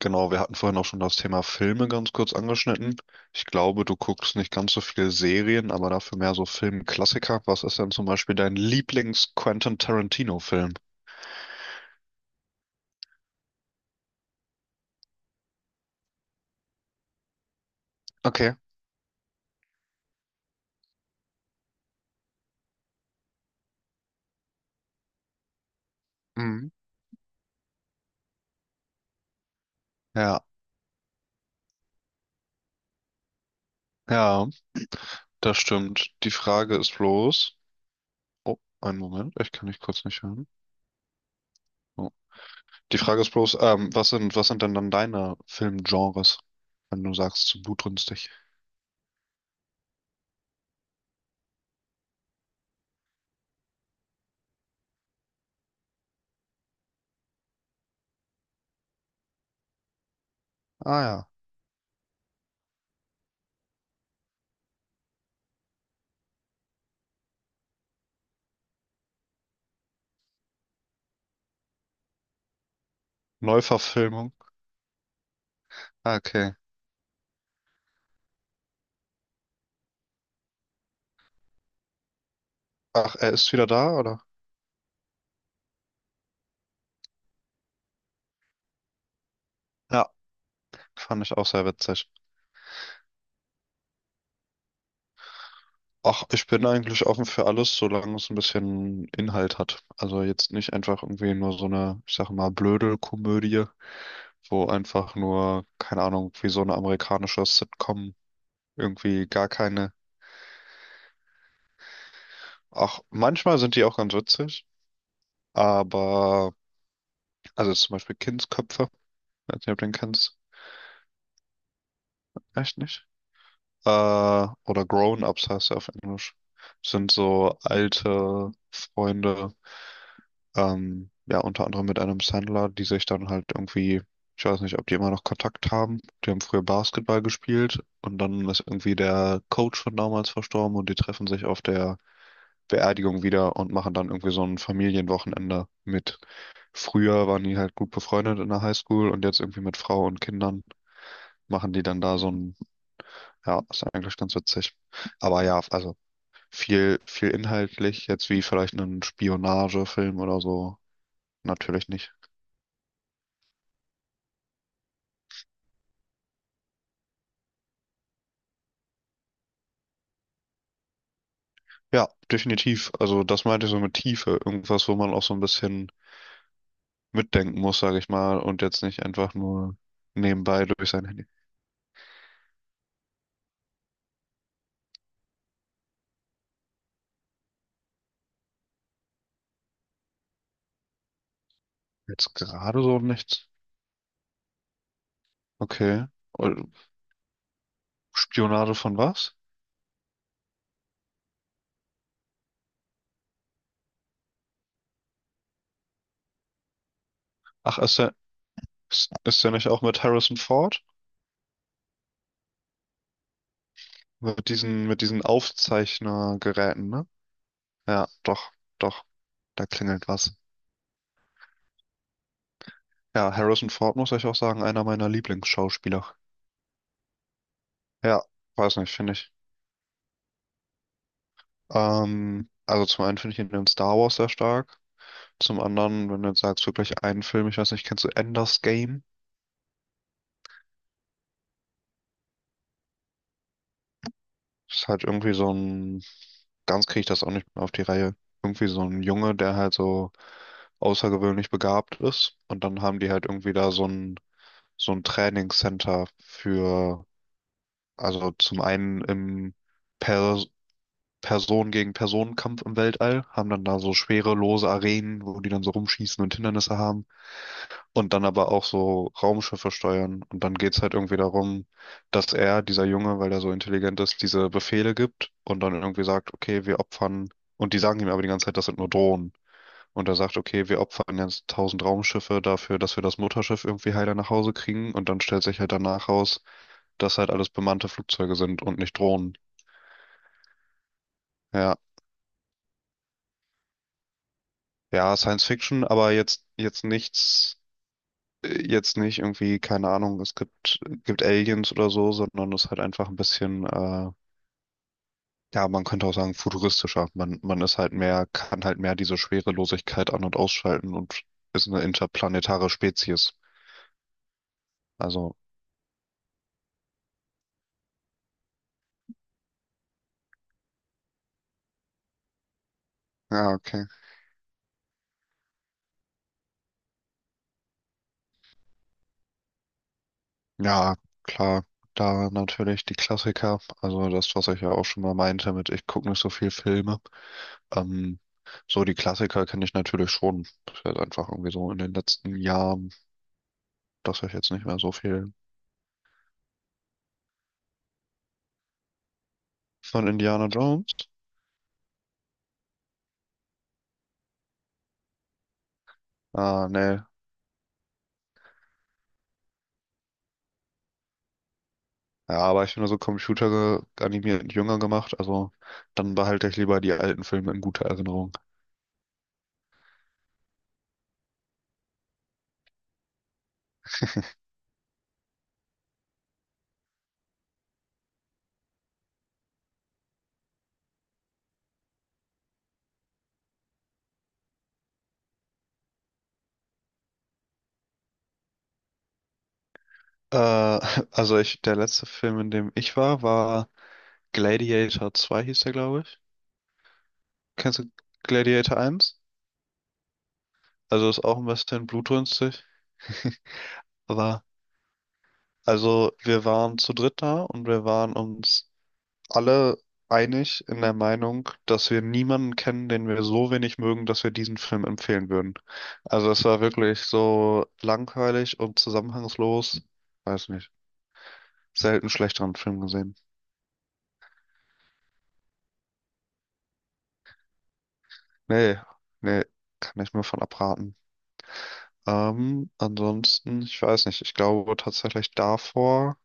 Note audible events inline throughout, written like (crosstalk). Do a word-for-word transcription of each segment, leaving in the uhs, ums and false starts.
Genau, wir hatten vorhin auch schon das Thema Filme ganz kurz angeschnitten. Ich glaube, du guckst nicht ganz so viele Serien, aber dafür mehr so Filmklassiker. Was ist denn zum Beispiel dein Lieblings-Quentin Tarantino-Film? Okay. Mhm. Ja, ja, das stimmt. Die Frage ist bloß. Oh, einen Moment, ich kann dich kurz nicht hören. Oh. Die Frage ist bloß, ähm, was sind, was sind denn dann deine Filmgenres, wenn du sagst, zu blutrünstig? Ah ja. Neuverfilmung. Ah, okay. Ach, er ist wieder da, oder? Ja, fand ich auch sehr witzig. Ach, ich bin eigentlich offen für alles, solange es ein bisschen Inhalt hat. Also jetzt nicht einfach irgendwie nur so eine, ich sag mal, blöde Komödie, wo einfach nur, keine Ahnung, wie so eine amerikanische Sitcom irgendwie gar keine. Ach, manchmal sind die auch ganz witzig, aber, also zum Beispiel Kindsköpfe, ich weiß nicht, ob du den kennst. Echt nicht? Äh, oder Grown-Ups heißt er auf Englisch. Sind so alte Freunde. Ähm, ja, unter anderem mit einem Sandler, die sich dann halt irgendwie, ich weiß nicht, ob die immer noch Kontakt haben. Die haben früher Basketball gespielt und dann ist irgendwie der Coach von damals verstorben und die treffen sich auf der Beerdigung wieder und machen dann irgendwie so ein Familienwochenende mit. Früher waren die halt gut befreundet in der Highschool und jetzt irgendwie mit Frau und Kindern machen die dann da so ein, ja, ist eigentlich ganz witzig. Aber ja, also viel, viel inhaltlich, jetzt wie vielleicht einen Spionagefilm oder so, natürlich nicht. Ja, definitiv. Also das meinte ich so mit Tiefe. Irgendwas, wo man auch so ein bisschen mitdenken muss, sage ich mal, und jetzt nicht einfach nur nebenbei durch sein Handy. Jetzt gerade so nichts. Okay. Und Spionage von was? Ach, ist der, ist, ist der nicht auch mit Harrison Ford? Mit diesen, mit diesen Aufzeichnergeräten, ne? Ja, doch, doch, da klingelt was. Ja, Harrison Ford muss ich auch sagen, einer meiner Lieblingsschauspieler. Ja, weiß nicht, finde ich. Ähm, also zum einen finde ich ihn in Star Wars sehr stark. Zum anderen, wenn du jetzt sagst, wirklich einen Film, ich weiß nicht, kennst du Ender's Game? Ist halt irgendwie so ein, ganz kriege ich das auch nicht mehr auf die Reihe. Irgendwie so ein Junge, der halt so außergewöhnlich begabt ist. Und dann haben die halt irgendwie da so ein, so ein Trainingscenter für, also zum einen im Per Person gegen Personenkampf im Weltall, haben dann da so schwere, lose Arenen, wo die dann so rumschießen und Hindernisse haben. Und dann aber auch so Raumschiffe steuern. Und dann geht's halt irgendwie darum, dass er, dieser Junge, weil er so intelligent ist, diese Befehle gibt und dann irgendwie sagt, okay, wir opfern. Und die sagen ihm aber die ganze Zeit, das sind nur Drohnen. Und er sagt, okay, wir opfern jetzt tausend Raumschiffe dafür, dass wir das Mutterschiff irgendwie heiler nach Hause kriegen. Und dann stellt sich halt danach raus, dass halt alles bemannte Flugzeuge sind und nicht Drohnen. Ja. Ja, Science Fiction, aber jetzt, jetzt nichts. Jetzt nicht irgendwie, keine Ahnung, es gibt, gibt Aliens oder so, sondern es ist halt einfach ein bisschen, äh, ja, man könnte auch sagen, futuristischer. Man, man ist halt mehr, kann halt mehr diese Schwerelosigkeit an- und ausschalten und ist eine interplanetare Spezies. Also, ja, okay. Ja, klar. Da natürlich die Klassiker, also das, was ich ja auch schon mal meinte mit, ich gucke nicht so viel Filme. Ähm, so die Klassiker kenne ich natürlich schon. Das ist jetzt einfach irgendwie so in den letzten Jahren, dass ich jetzt nicht mehr so viel. Von Indiana Jones? Ah, nee. Ja, aber ich finde so Computer ge- animiert jünger gemacht, also dann behalte ich lieber die alten Filme in guter Erinnerung. Äh, (laughs) also ich, der letzte Film, in dem ich war, war Gladiator zwei hieß der, glaube ich. Kennst du Gladiator eins? Also ist auch ein bisschen blutrünstig. (laughs) Aber, also wir waren zu dritt da und wir waren uns alle einig in der Meinung, dass wir niemanden kennen, den wir so wenig mögen, dass wir diesen Film empfehlen würden. Also es war wirklich so langweilig und zusammenhangslos. Weiß nicht. Selten schlechteren Film gesehen. Nee, nee, kann ich nur von abraten. Ähm, ansonsten, ich weiß nicht, ich glaube tatsächlich davor,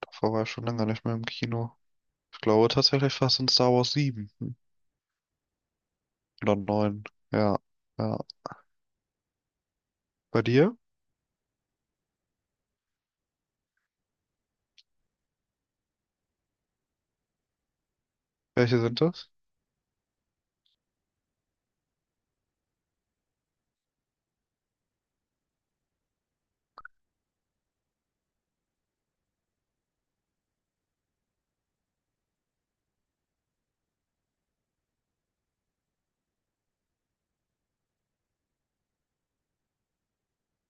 davor war ich schon lange nicht mehr im Kino. Ich glaube tatsächlich fast in Star Wars sieben oder neun. Ja, ja. Bei dir? Welche sind das?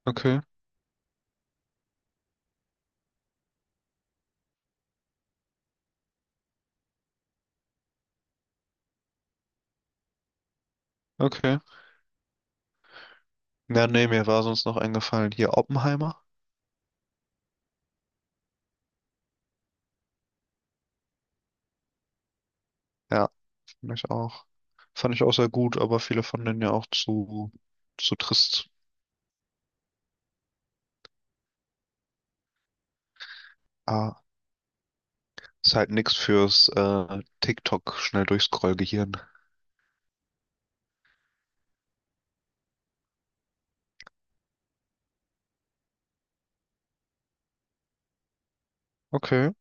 Okay, okay. Ja, nee, mir war sonst noch eingefallen. Hier Oppenheimer. Ja, fand ich auch. Fand ich auch sehr gut, aber viele fanden den ja auch zu, zu trist. Ah, ist halt nix fürs äh, TikTok schnell durchscrollgehirn. Okay,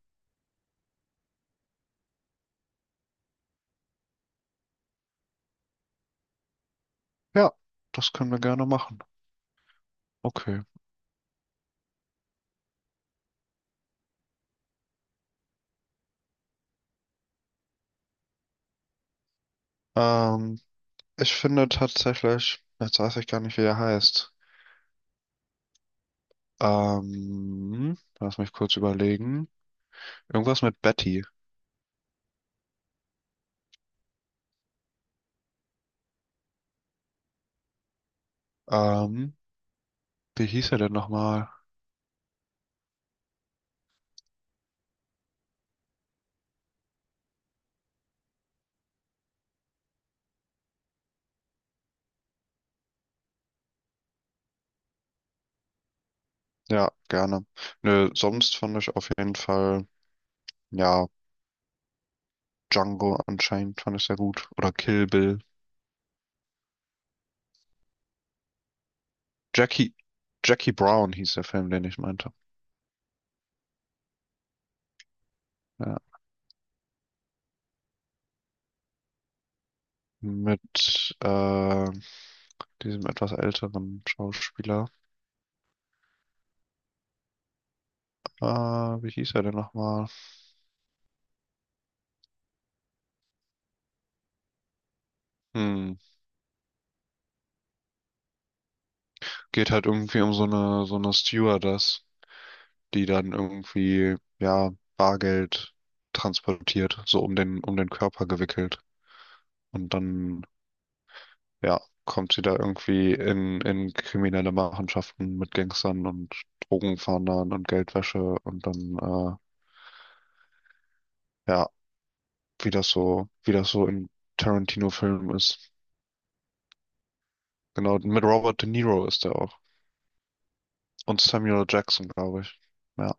ja, das können wir gerne machen. Okay. Ähm, Ich finde tatsächlich, jetzt weiß ich gar nicht, wie er heißt. Ähm, lass mich kurz überlegen. Irgendwas mit Betty. Ähm, Wie hieß er denn nochmal? Ja, gerne. Nö, sonst fand ich auf jeden Fall. Ja, Django anscheinend fand ich sehr gut. Oder Kill Bill. Jackie, Jackie Brown hieß der Film, den ich meinte. Ja. Mit äh, diesem etwas älteren Schauspieler. Äh, wie hieß er denn nochmal? Hm. Geht halt irgendwie um so eine, so eine Stewardess, die dann irgendwie, ja, Bargeld transportiert, so um den, um den Körper gewickelt. Und dann ja, kommt sie da irgendwie in, in, kriminelle Machenschaften mit Gangstern und Drogenfahndern und Geldwäsche und dann, äh, ja, wie das so, wie das so in Tarantino-Filmen ist. Genau, mit Robert De Niro ist er auch. Und Samuel Jackson, glaube ich. Ja,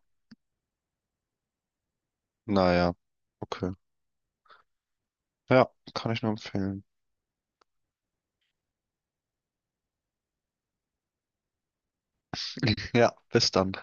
naja, okay. Ja, kann ich nur empfehlen. Ja, bis dann.